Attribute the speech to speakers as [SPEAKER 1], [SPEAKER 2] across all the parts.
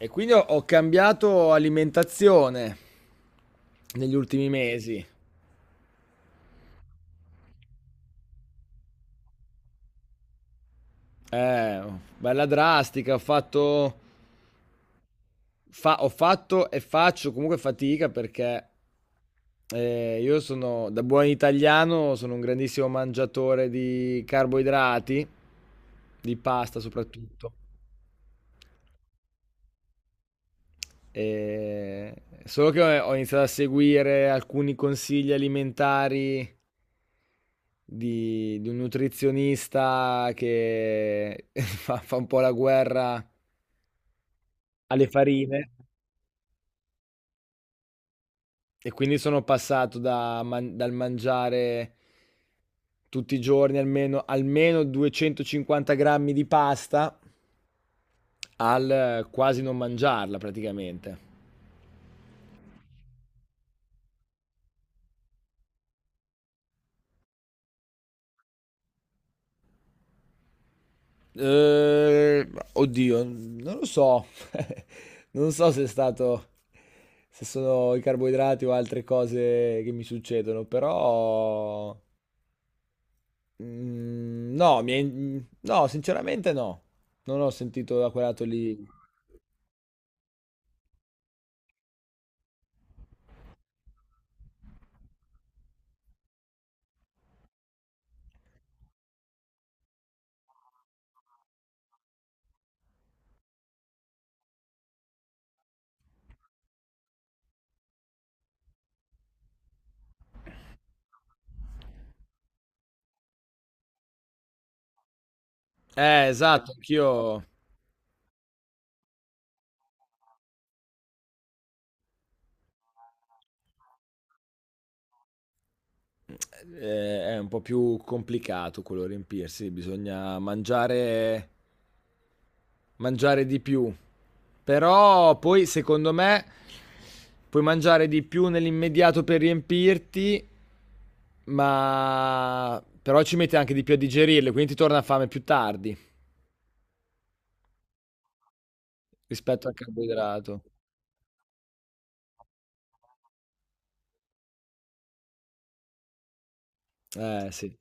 [SPEAKER 1] E quindi ho cambiato alimentazione negli ultimi mesi. Eh, bella drastica, ho fatto, ho fatto e faccio comunque fatica perché io sono, da buon italiano, sono un grandissimo mangiatore di carboidrati, di pasta soprattutto. E- Solo che ho iniziato a seguire alcuni consigli alimentari di un nutrizionista che fa un po' la guerra alle farine, e quindi sono passato dal mangiare tutti i giorni almeno 250 grammi di pasta al quasi non mangiarla praticamente. Eh, oddio, non lo so. Non so se è stato, se sono i carboidrati o altre cose che mi succedono, però mm, no, no, sinceramente no. Non ho sentito da quel lato lì. Esatto, anch'io. È un po' più complicato quello riempirsi, bisogna mangiare di più. Però poi, secondo me, puoi mangiare di più nell'immediato per riempirti, ma però ci metti anche di più a digerirle, quindi ti torna fame più tardi rispetto al carboidrato. Eh sì.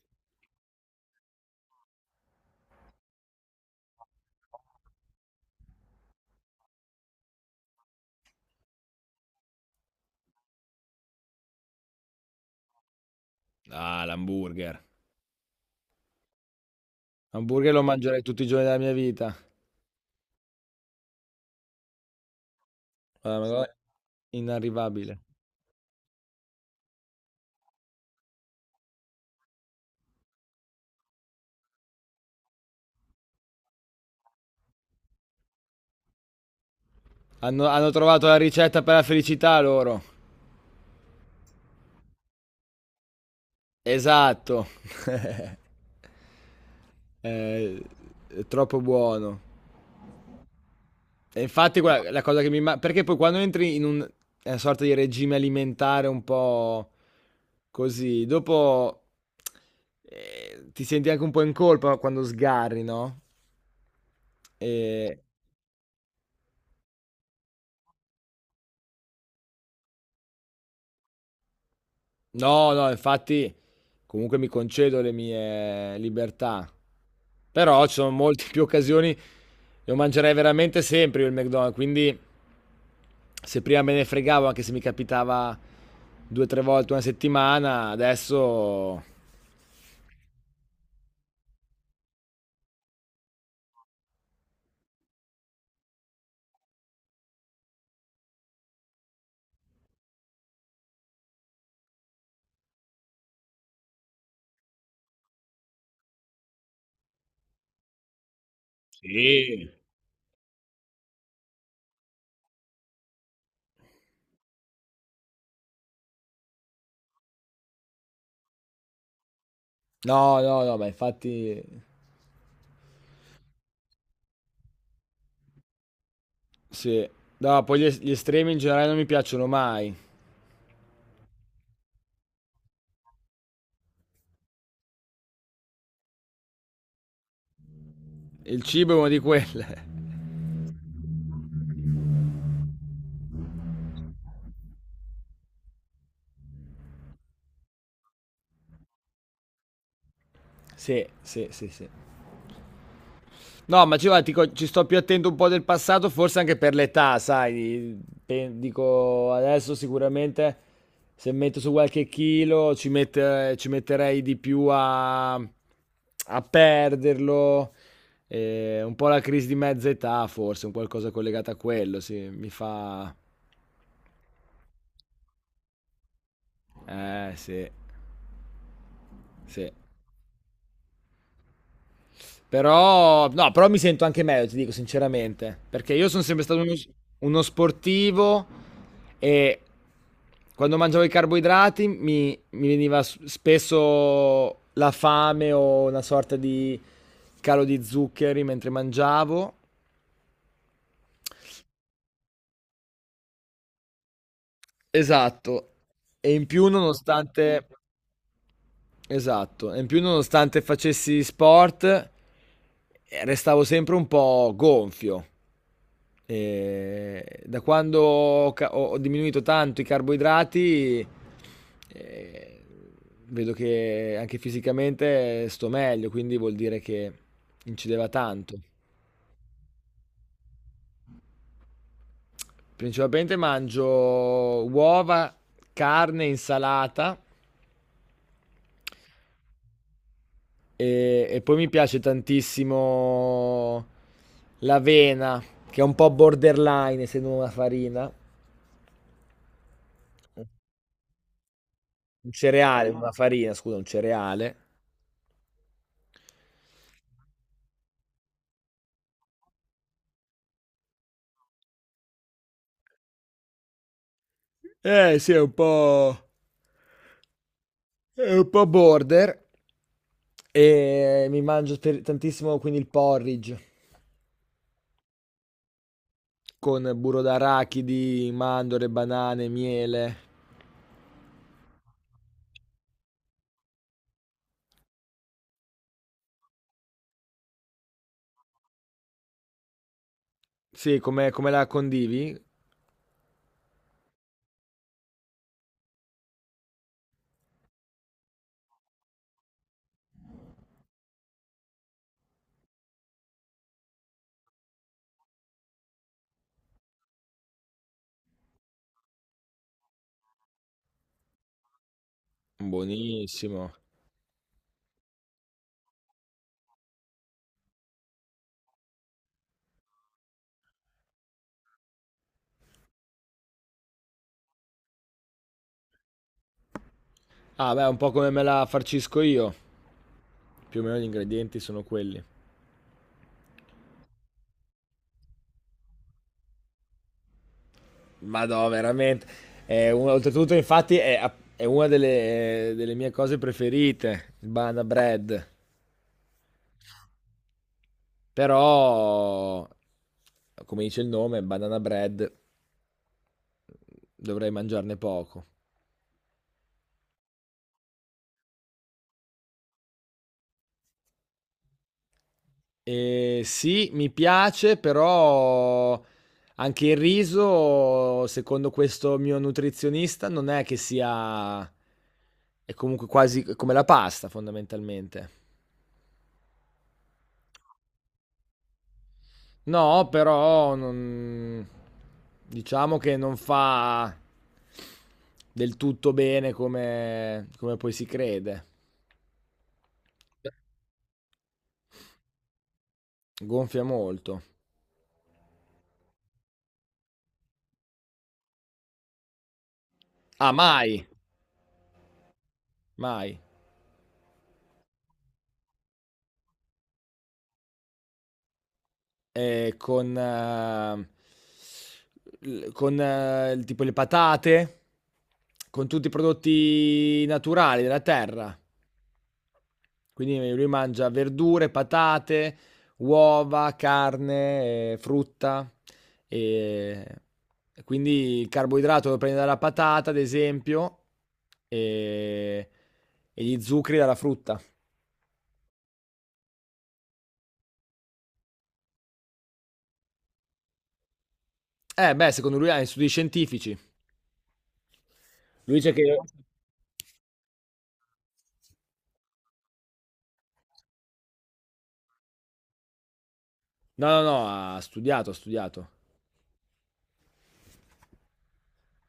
[SPEAKER 1] Ah, l'hamburger. L'hamburger lo mangerei tutti i giorni della mia vita. Guarda, una cosa inarrivabile. Hanno trovato la ricetta per la felicità loro. Esatto. Eh, è troppo buono. E infatti, guarda, la cosa che mi... Perché poi quando entri in una sorta di regime alimentare un po' così, dopo ti senti anche un po' in colpa quando sgarri, no? E... No, no, infatti comunque mi concedo le mie libertà. Però ci sono molte più occasioni, lo mangerei veramente sempre io il McDonald's, quindi se prima me ne fregavo anche se mi capitava due o tre volte una settimana, adesso... Sì. No, no, no, ma infatti sì. No, poi gli estremi in generale non mi piacciono mai. Il cibo è uno di quelle. Sì, sì, sì, sì. No, ma dico, ci sto più attento un po' del passato, forse anche per l'età, sai. Dico, adesso sicuramente se metto su qualche chilo ci metterei di più a perderlo. Un po' la crisi di mezza età, forse, un qualcosa collegato a quello, sì, mi fa... sì, sì. Però, no, però mi sento anche meglio, ti dico sinceramente, perché io sono sempre stato uno sportivo e quando mangiavo i carboidrati mi veniva spesso la fame o una sorta di calo di zuccheri mentre mangiavo. Esatto. E in più nonostante, esatto, e in più nonostante facessi sport, restavo sempre un po' gonfio. E da quando ho diminuito tanto i carboidrati, eh, vedo che anche fisicamente sto meglio, quindi vuol dire che incideva tanto. Principalmente mangio uova, carne, insalata e poi mi piace tantissimo l'avena, che è un po' borderline, essendo una farina, un cereale, una farina, scusa, un cereale. Sì, è un po' border. E mi mangio tantissimo quindi il porridge con burro d'arachidi, mandorle, banane, miele. Sì, come la condivi? Buonissimo. Ah, beh, un po' come me la farcisco io. Più o meno gli ingredienti sono quelli. Ma no, veramente. È oltretutto, infatti, è una delle mie cose preferite, il banana bread. Però, come dice il nome, banana bread, dovrei mangiarne poco. E sì, mi piace, però anche il riso, secondo questo mio nutrizionista, non è che sia... è comunque quasi come la pasta, fondamentalmente. No, però non... diciamo che non fa del tutto bene come, come poi si crede. Gonfia molto. Ah, mai, mai. Eh, con, eh, con tipo le patate, con tutti i prodotti naturali della terra. Quindi lui mangia verdure, patate, uova, carne, frutta. E e quindi il carboidrato lo prende dalla patata, ad esempio, e, e gli zuccheri dalla frutta. Beh, secondo lui ha gli studi scientifici. Lui dice che... No, no, no, ha studiato, ha studiato.